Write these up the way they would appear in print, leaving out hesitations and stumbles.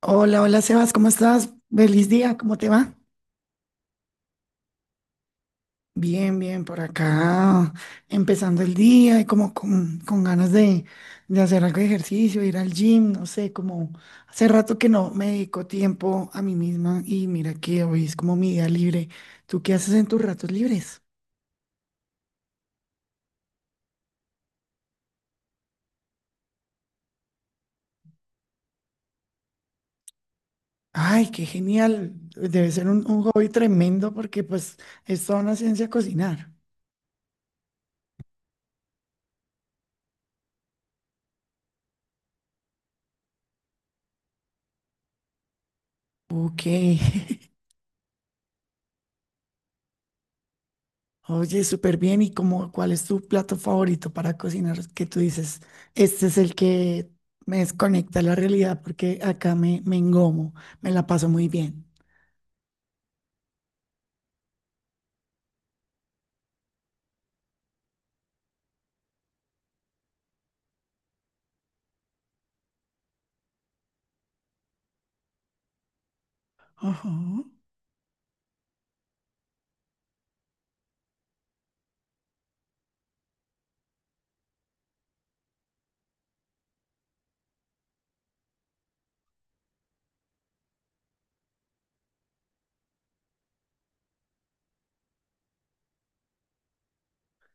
Hola, hola Sebas, ¿cómo estás? Feliz día, ¿cómo te va? Bien, bien, por acá, empezando el día y como con ganas de hacer algo de ejercicio, ir al gym, no sé, como hace rato que no me dedico tiempo a mí misma y mira que hoy es como mi día libre. ¿Tú qué haces en tus ratos libres? Ay, qué genial, debe ser un hobby tremendo porque pues es toda una ciencia cocinar. Ok. Oye, súper bien. ¿Y cómo, cuál es tu plato favorito para cocinar? Que tú dices, este es el que me desconecta a la realidad porque acá me engomo, me la paso muy bien. Ajá,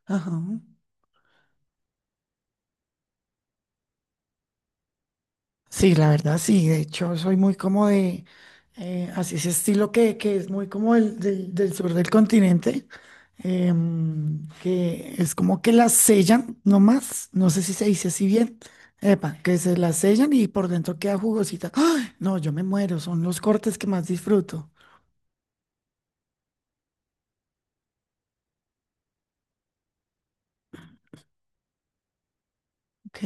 ajá. Sí, la verdad, sí. De hecho, soy muy como de, así ese estilo que es muy como el del sur del continente. Que es como que las sellan nomás, no sé si se dice así bien, epa, que se las sellan y por dentro queda jugosita. ¡Ay! No, yo me muero, son los cortes que más disfruto. Ok,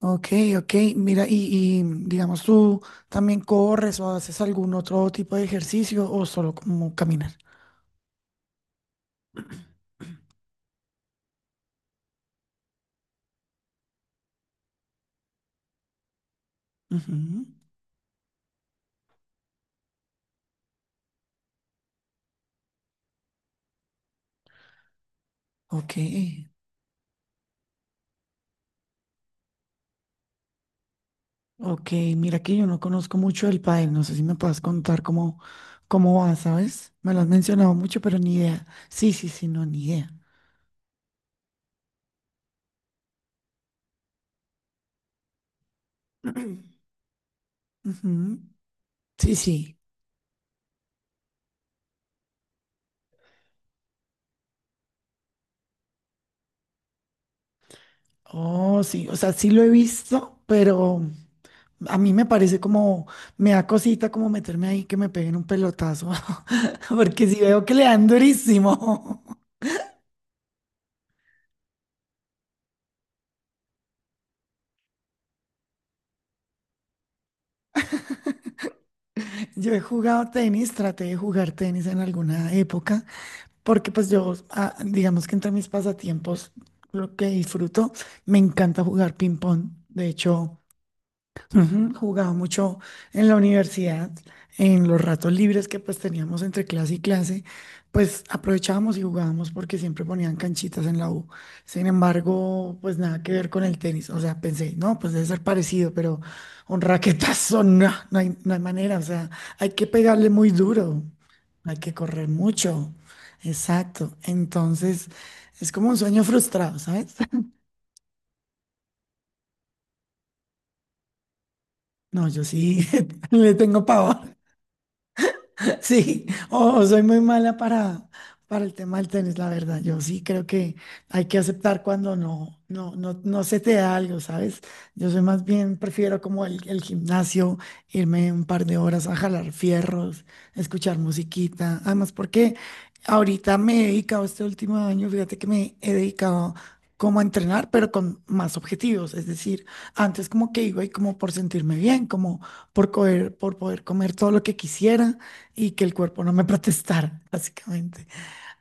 ok, ok, mira, y digamos tú también corres o haces algún otro tipo de ejercicio o solo como caminar. Ujú. Ok. Ok, mira que yo no conozco mucho el pádel, no sé si me puedes contar cómo, cómo va, ¿sabes? Me lo has mencionado mucho, pero ni idea. Sí, sí, sí, no, ni idea. Ujú. Sí, sí. Oh, sí, o sea, sí lo he visto, pero a mí me parece como, me da cosita como meterme ahí que me peguen un pelotazo, porque si veo que le dan durísimo. Yo he jugado tenis, traté de jugar tenis en alguna época, porque pues yo, digamos que entre mis pasatiempos, lo que disfruto, me encanta jugar ping pong. De hecho, ujú, jugaba mucho en la universidad, en los ratos libres que pues teníamos entre clase y clase, pues aprovechábamos y jugábamos porque siempre ponían canchitas en la U. Sin embargo, pues nada que ver con el tenis. O sea, pensé, no, pues debe ser parecido, pero un raquetazo, no, no hay manera. O sea, hay que pegarle muy duro, hay que correr mucho. Exacto. Entonces, es como un sueño frustrado, ¿sabes? No, yo sí le tengo pavor. Sí, oh, soy muy mala para el tema del tenis, la verdad. Yo sí creo que hay que aceptar cuando no, no, no, no se te da algo, ¿sabes? Yo soy más bien, prefiero como el gimnasio, irme un par de horas a jalar fierros, escuchar musiquita. Además, porque ahorita me he dedicado este último año, fíjate que me he dedicado como a entrenar, pero con más objetivos. Es decir, antes como que iba y como por sentirme bien, como por comer, por poder comer todo lo que quisiera y que el cuerpo no me protestara, básicamente.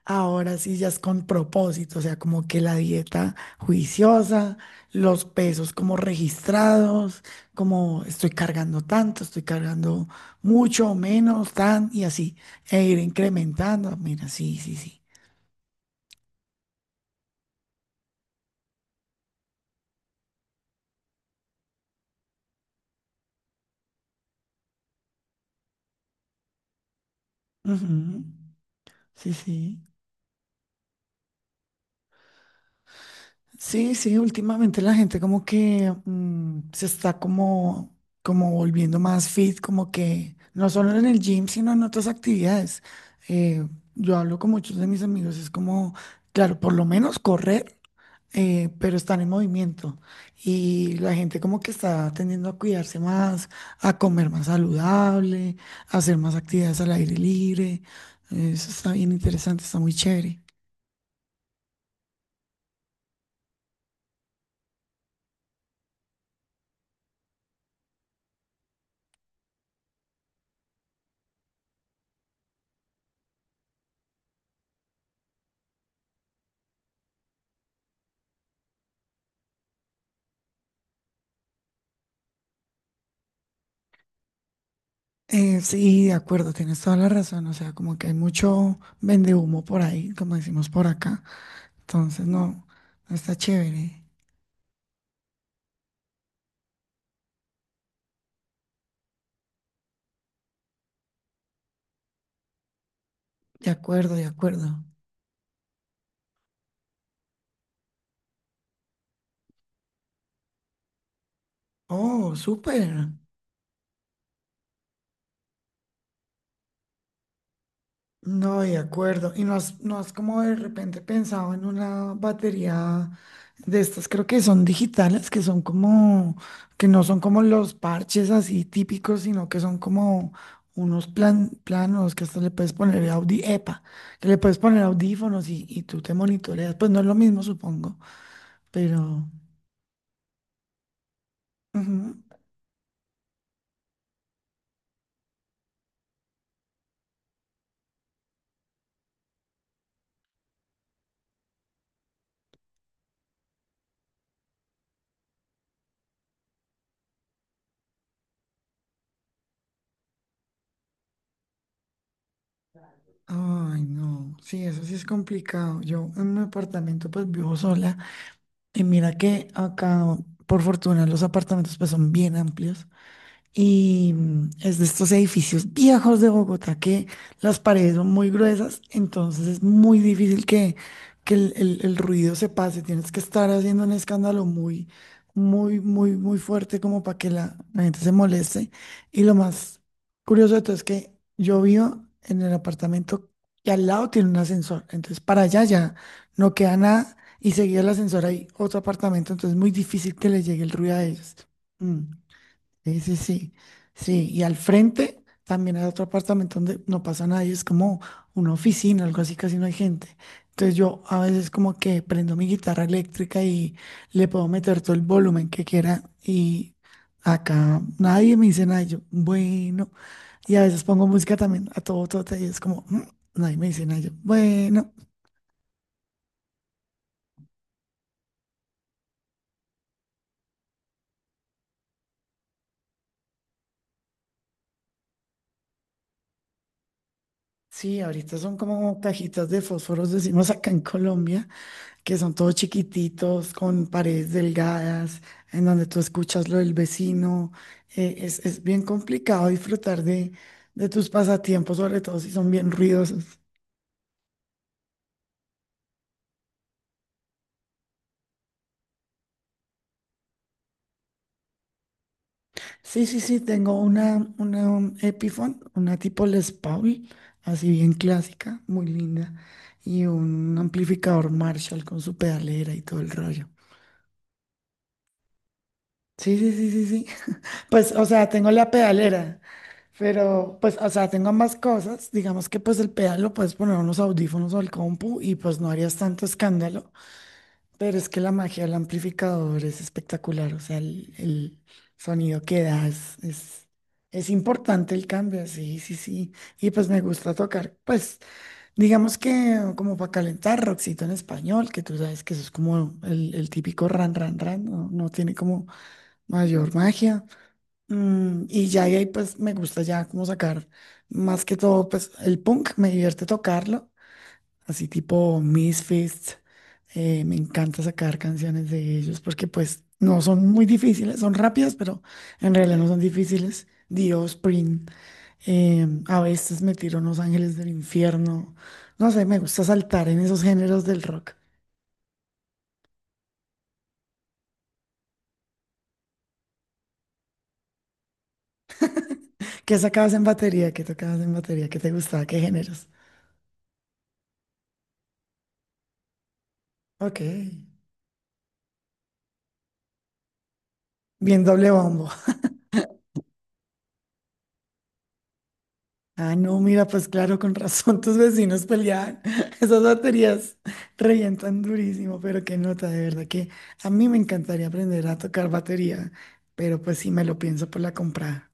Ahora sí ya es con propósito, o sea, como que la dieta juiciosa, los pesos como registrados, como estoy cargando tanto, estoy cargando mucho o menos, tan y así, e ir incrementando. Mira, sí, sí, sí. Ujú. Sí, sí. Sí, sí, últimamente la gente como que se está como, como volviendo más fit, como que no solo en el gym, sino en otras actividades. Eh, yo hablo con muchos de mis amigos, es como, claro, por lo menos correr, pero están en movimiento. Y la gente como que está tendiendo a cuidarse más, a comer más saludable, a hacer más actividades al aire libre. Eso está bien interesante, está muy chévere. Sí, de acuerdo, tienes toda la razón. O sea, como que hay mucho vendehumo por ahí, como decimos por acá. Entonces, no, no está chévere. De acuerdo, de acuerdo. Oh, súper. No, de acuerdo. Y no has, no has como de repente pensado en una batería de estas, creo que son digitales, que son como, que no son como los parches así típicos, sino que son como unos plan, planos que hasta le puedes poner audi, epa, que le puedes poner audífonos y tú te monitoreas. Pues no es lo mismo, supongo, pero... ujú. Ay, no, sí, eso sí es complicado. Yo en mi apartamento pues vivo sola. Y mira que acá, por fortuna, los apartamentos pues son bien amplios. Y es de estos edificios viejos de Bogotá que las paredes son muy gruesas, entonces es muy difícil que el ruido se pase. Tienes que estar haciendo un escándalo muy, muy, muy, muy fuerte como para que la gente se moleste. Y lo más curioso de todo es que yo vivo en el apartamento y al lado tiene un ascensor. Entonces para allá ya no queda nada y seguido el ascensor hay otro apartamento, entonces es muy difícil que le llegue el ruido a ellos. Mm. Sí, sí, sí, sí. Y al frente también hay otro apartamento donde no pasa nadie, es como una oficina, algo así, casi no hay gente. Entonces yo a veces como que prendo mi guitarra eléctrica y le puedo meter todo el volumen que quiera y acá nadie me dice nada, y yo, bueno. Y a veces pongo música también a todo tote y es como, "Mm", nadie me dice nada, y yo, bueno. Sí, ahorita son como cajitas de fósforos, decimos acá en Colombia que son todos chiquititos, con paredes delgadas, en donde tú escuchas lo del vecino. Es bien complicado disfrutar de tus pasatiempos, sobre todo si son bien ruidosos. Sí, sí, sí, tengo una un Epiphone, una tipo Les Paul, así bien clásica, muy linda, y un amplificador Marshall con su pedalera y todo el rollo. Sí, sí, sí, sí, sí. Pues, o sea, tengo la pedalera, pero pues, o sea, tengo ambas cosas. Digamos que pues el pedal lo puedes poner a unos audífonos o al compu y pues no harías tanto escándalo, pero es que la magia del amplificador es espectacular, o sea, el sonido que da es importante el cambio, sí, sí, sí. Y pues me gusta tocar, pues, digamos que como para calentar rockcito en español, que tú sabes que eso es como el típico ran, ran, ran, no, no tiene como mayor magia. Mm, y ya de ahí pues me gusta ya como sacar más que todo pues el punk, me divierte tocarlo, así tipo Misfits, me encanta sacar canciones de ellos porque pues no son muy difíciles, son rápidas pero en realidad no son difíciles. Dios, Spring, a veces me tiro unos ángeles del infierno, no sé, me gusta saltar en esos géneros del rock. ¿Qué sacabas en batería? ¿Qué tocabas en batería? ¿Qué te gustaba? ¿Qué géneros? Ok, bien doble bombo. Ah, no, mira, pues claro, con razón tus vecinos peleaban. Esas baterías revientan durísimo, pero qué nota, de verdad que a mí me encantaría aprender a tocar batería, pero pues sí me lo pienso por la compra.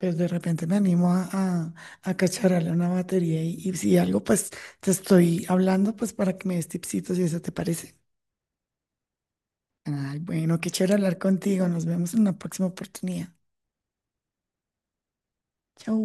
Pero de repente me animo a cacharrarle una batería y si algo, pues te estoy hablando, pues para que me des tipsitos y eso te parece. Ay, bueno, qué chévere hablar contigo. Nos vemos en una próxima oportunidad. Chau.